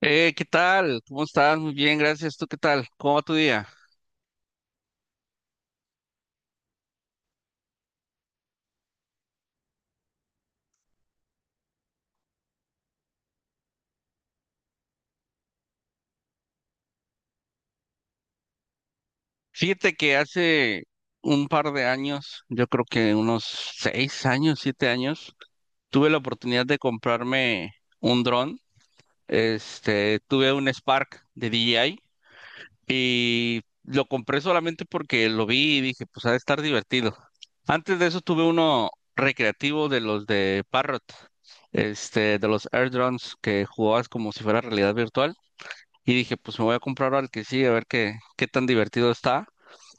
¿Qué tal? ¿Cómo estás? Muy bien, gracias. ¿Tú qué tal? ¿Cómo va tu día? Fíjate que hace un par de años, yo creo que unos 6 años, 7 años, tuve la oportunidad de comprarme un dron. Tuve un Spark de DJI y lo compré solamente porque lo vi y dije, pues ha de estar divertido. Antes de eso tuve uno recreativo de los de Parrot, de los Air Drones que jugabas como si fuera realidad virtual. Y dije, pues me voy a comprar al que sí, a ver qué tan divertido está.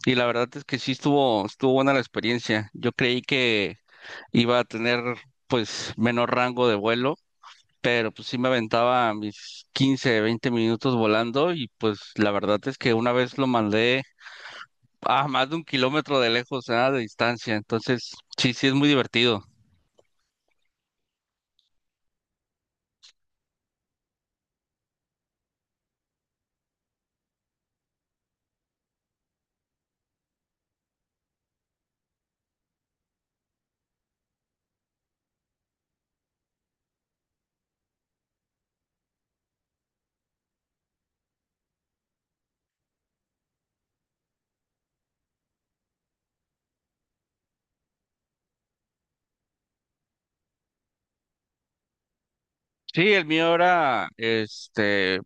Y la verdad es que sí estuvo buena la experiencia. Yo creí que iba a tener pues menor rango de vuelo, pero pues sí me aventaba mis 15 20 minutos volando y pues la verdad es que una vez lo mandé a más de 1 km de distancia. Entonces, sí, sí es muy divertido. Sí, el mío era,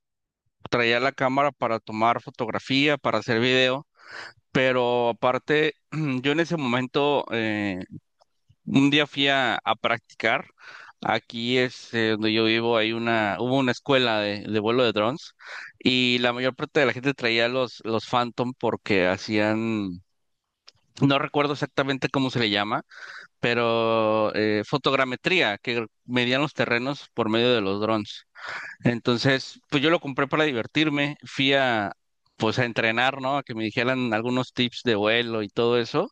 traía la cámara para tomar fotografía, para hacer video. Pero aparte, yo en ese momento, un día fui a practicar. Aquí es donde yo vivo, hubo una escuela de vuelo de drones y la mayor parte de la gente traía los Phantom porque hacían, no recuerdo exactamente cómo se le llama, pero fotogrametría, que medían los terrenos por medio de los drones. Entonces, pues yo lo compré para divertirme, fui pues a entrenar, ¿no? A que me dijeran algunos tips de vuelo y todo eso.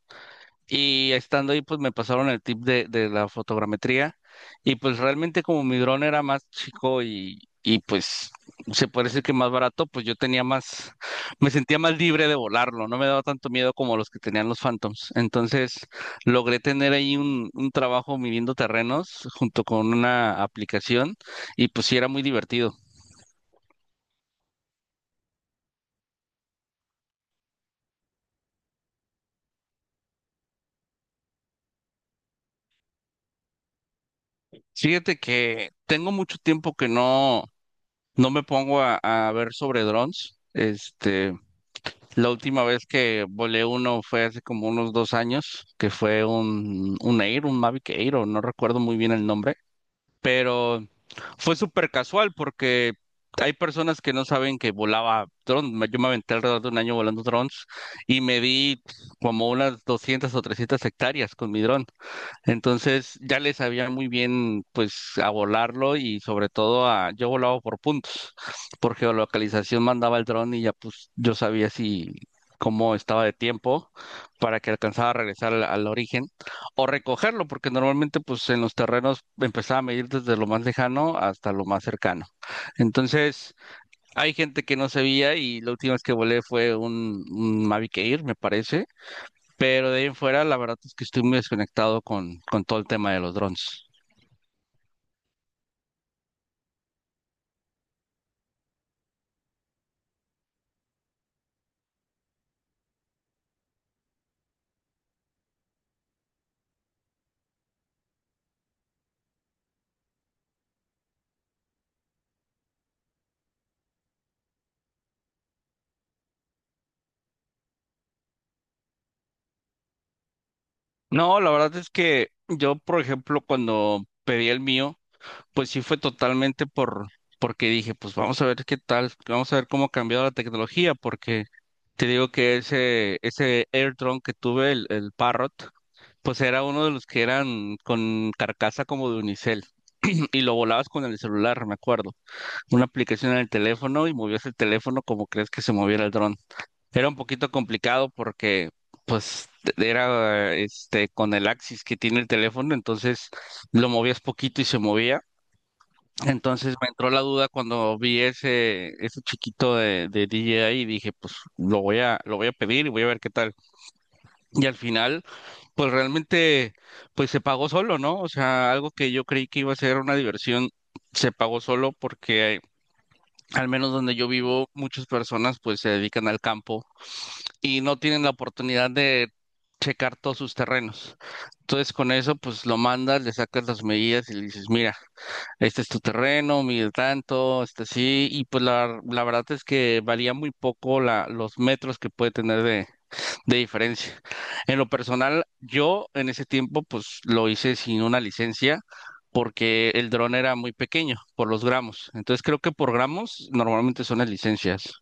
Y estando ahí, pues me pasaron el tip de la fotogrametría. Y pues realmente como mi dron era más chico y pues se puede decir que más barato, pues me sentía más libre de volarlo. No me daba tanto miedo como los que tenían los Phantoms. Entonces logré tener ahí un trabajo midiendo terrenos junto con una aplicación y pues sí era muy divertido. Fíjate que tengo mucho tiempo que no me pongo a ver sobre drones. La última vez que volé uno fue hace como unos 2 años, que fue un Mavic Air, o no recuerdo muy bien el nombre, pero fue súper casual porque hay personas que no saben que volaba drones. Yo me aventé alrededor de un año volando drones y me di como unas 200 o 300 hectáreas con mi dron. Entonces ya le sabía muy bien pues a volarlo y sobre todo a yo volaba por puntos, por geolocalización mandaba el dron y ya pues yo sabía si cómo estaba de tiempo para que alcanzaba a regresar al origen o recogerlo, porque normalmente pues en los terrenos empezaba a medir desde lo más lejano hasta lo más cercano. Entonces, hay gente que no sabía y la última vez que volé fue un Mavic Air, me parece, pero de ahí en fuera la verdad es que estoy muy desconectado con todo el tema de los drones. No, la verdad es que yo, por ejemplo, cuando pedí el mío, pues sí fue totalmente porque dije, pues vamos a ver qué tal, vamos a ver cómo ha cambiado la tecnología, porque te digo que ese AirDrone que tuve, el Parrot, pues era uno de los que eran con carcasa como de unicel. Y lo volabas con el celular, me acuerdo. Una aplicación en el teléfono y movías el teléfono como crees que se moviera el dron. Era un poquito complicado porque, pues, era con el axis que tiene el teléfono, entonces lo movías poquito y se movía. Entonces me entró la duda cuando vi ese chiquito de DJI y dije, pues lo voy a pedir y voy a ver qué tal. Y al final, pues realmente, pues se pagó solo, ¿no? O sea, algo que yo creí que iba a ser una diversión, se pagó solo porque al menos donde yo vivo, muchas personas pues se dedican al campo y no tienen la oportunidad de checar todos sus terrenos. Entonces con eso pues lo mandas, le sacas las medidas y le dices, mira, este es tu terreno, mide tanto, este sí, y pues la verdad es que varía muy poco los metros que puede tener de diferencia. En lo personal, yo en ese tiempo pues lo hice sin una licencia porque el dron era muy pequeño por los gramos. Entonces creo que por gramos normalmente son las licencias.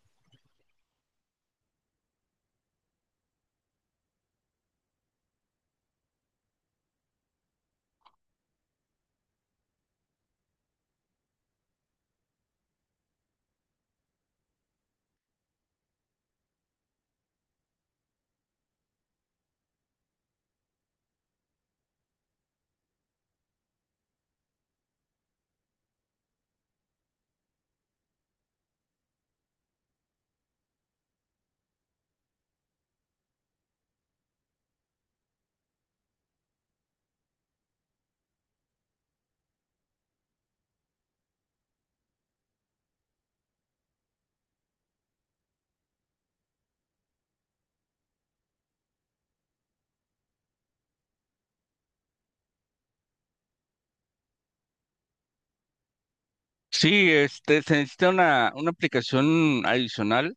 Sí, se necesita una aplicación adicional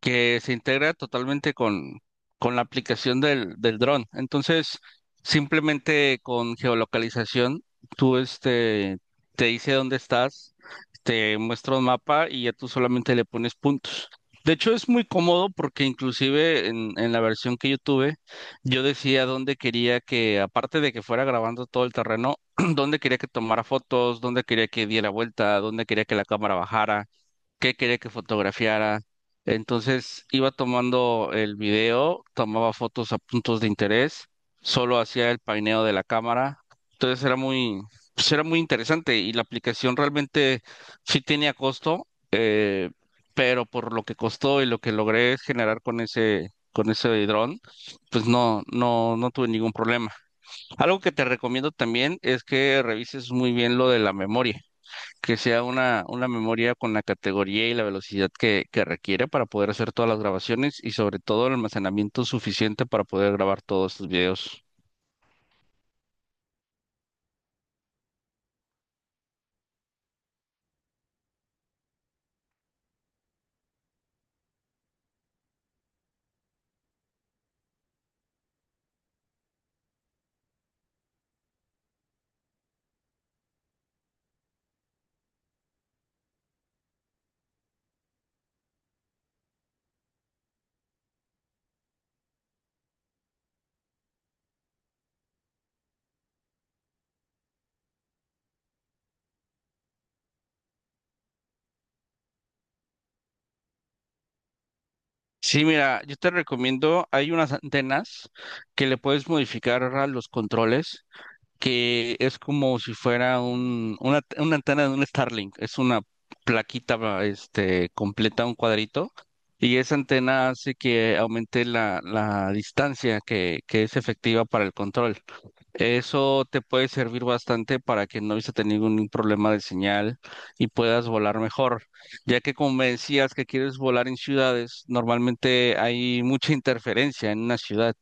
que se integra totalmente con la aplicación del dron. Entonces, simplemente con geolocalización, tú te dice dónde estás, te muestra un mapa y ya tú solamente le pones puntos. De hecho, es muy cómodo porque inclusive en la versión que yo tuve, yo decía dónde quería que, aparte de que fuera grabando todo el terreno, dónde quería que tomara fotos, dónde quería que diera vuelta, dónde quería que la cámara bajara, qué quería que fotografiara. Entonces iba tomando el video, tomaba fotos a puntos de interés, solo hacía el paineo de la cámara. Entonces pues era muy interesante y la aplicación realmente sí tenía costo, pero por lo que costó y lo que logré generar con ese dron, pues no, no, no tuve ningún problema. Algo que te recomiendo también es que revises muy bien lo de la memoria, que sea una memoria con la categoría y la velocidad que requiere para poder hacer todas las grabaciones y sobre todo el almacenamiento suficiente para poder grabar todos estos videos. Sí, mira, yo te recomiendo, hay unas antenas que le puedes modificar a los controles, que es como si fuera una antena de un Starlink, es una plaquita completa, un cuadrito, y esa antena hace que aumente la distancia que es efectiva para el control. Eso te puede servir bastante para que no vayas a ningún problema de señal y puedas volar mejor, ya que como me decías que quieres volar en ciudades, normalmente hay mucha interferencia en una ciudad.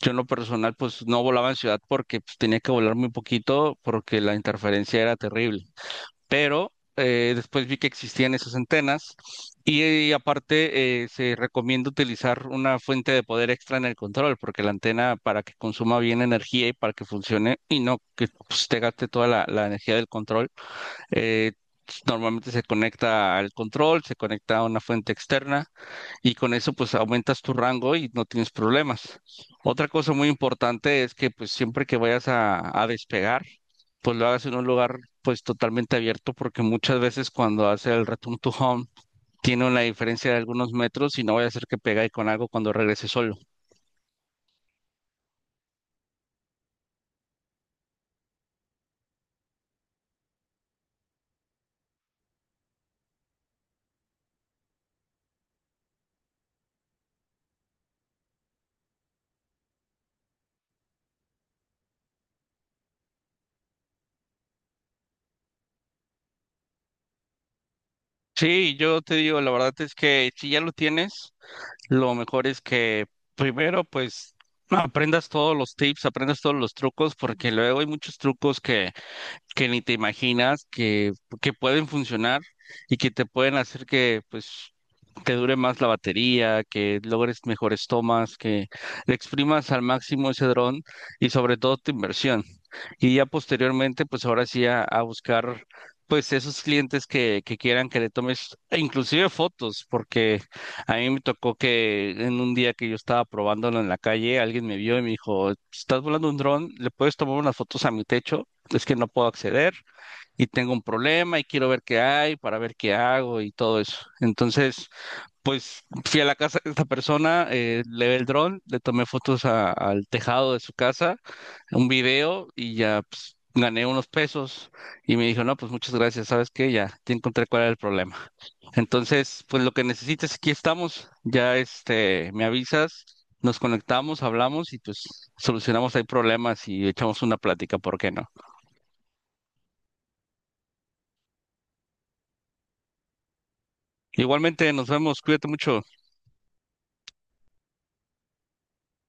Yo en lo personal pues no volaba en ciudad porque pues, tenía que volar muy poquito porque la interferencia era terrible, pero después vi que existían esas antenas y aparte, se recomienda utilizar una fuente de poder extra en el control, porque la antena para que consuma bien energía y para que funcione y no que pues, te gaste toda la energía del control, eh, normalmente se conecta al control, se conecta a una fuente externa y con eso pues aumentas tu rango y no tienes problemas. Otra cosa muy importante es que pues siempre que vayas a despegar, pues lo hagas en un lugar pues totalmente abierto porque muchas veces cuando hace el return to home tiene una diferencia de algunos metros y no vaya a ser que pegue con algo cuando regrese solo. Sí, yo te digo, la verdad es que si ya lo tienes, lo mejor es que primero, pues, aprendas todos los tips, aprendas todos los trucos, porque luego hay muchos trucos que ni te imaginas que pueden funcionar y que te pueden hacer que pues te dure más la batería, que logres mejores tomas, que le exprimas al máximo ese dron y sobre todo tu inversión. Y ya posteriormente, pues ahora sí a buscar pues esos clientes que quieran que le tomes e inclusive fotos, porque a mí me tocó que en un día que yo estaba probándolo en la calle, alguien me vio y me dijo, estás volando un dron, le puedes tomar unas fotos a mi techo, es que no puedo acceder y tengo un problema y quiero ver qué hay para ver qué hago y todo eso. Entonces, pues fui a la casa de esta persona, le ve el dron, le tomé fotos al tejado de su casa, un video y ya pues, gané unos pesos y me dijo, no, pues muchas gracias, ¿sabes qué? Ya, te encontré cuál era el problema. Entonces, pues lo que necesites, aquí estamos, ya me avisas. Nos conectamos, hablamos y pues solucionamos ahí problemas y echamos una plática, ¿por qué no? Igualmente, nos vemos, cuídate mucho.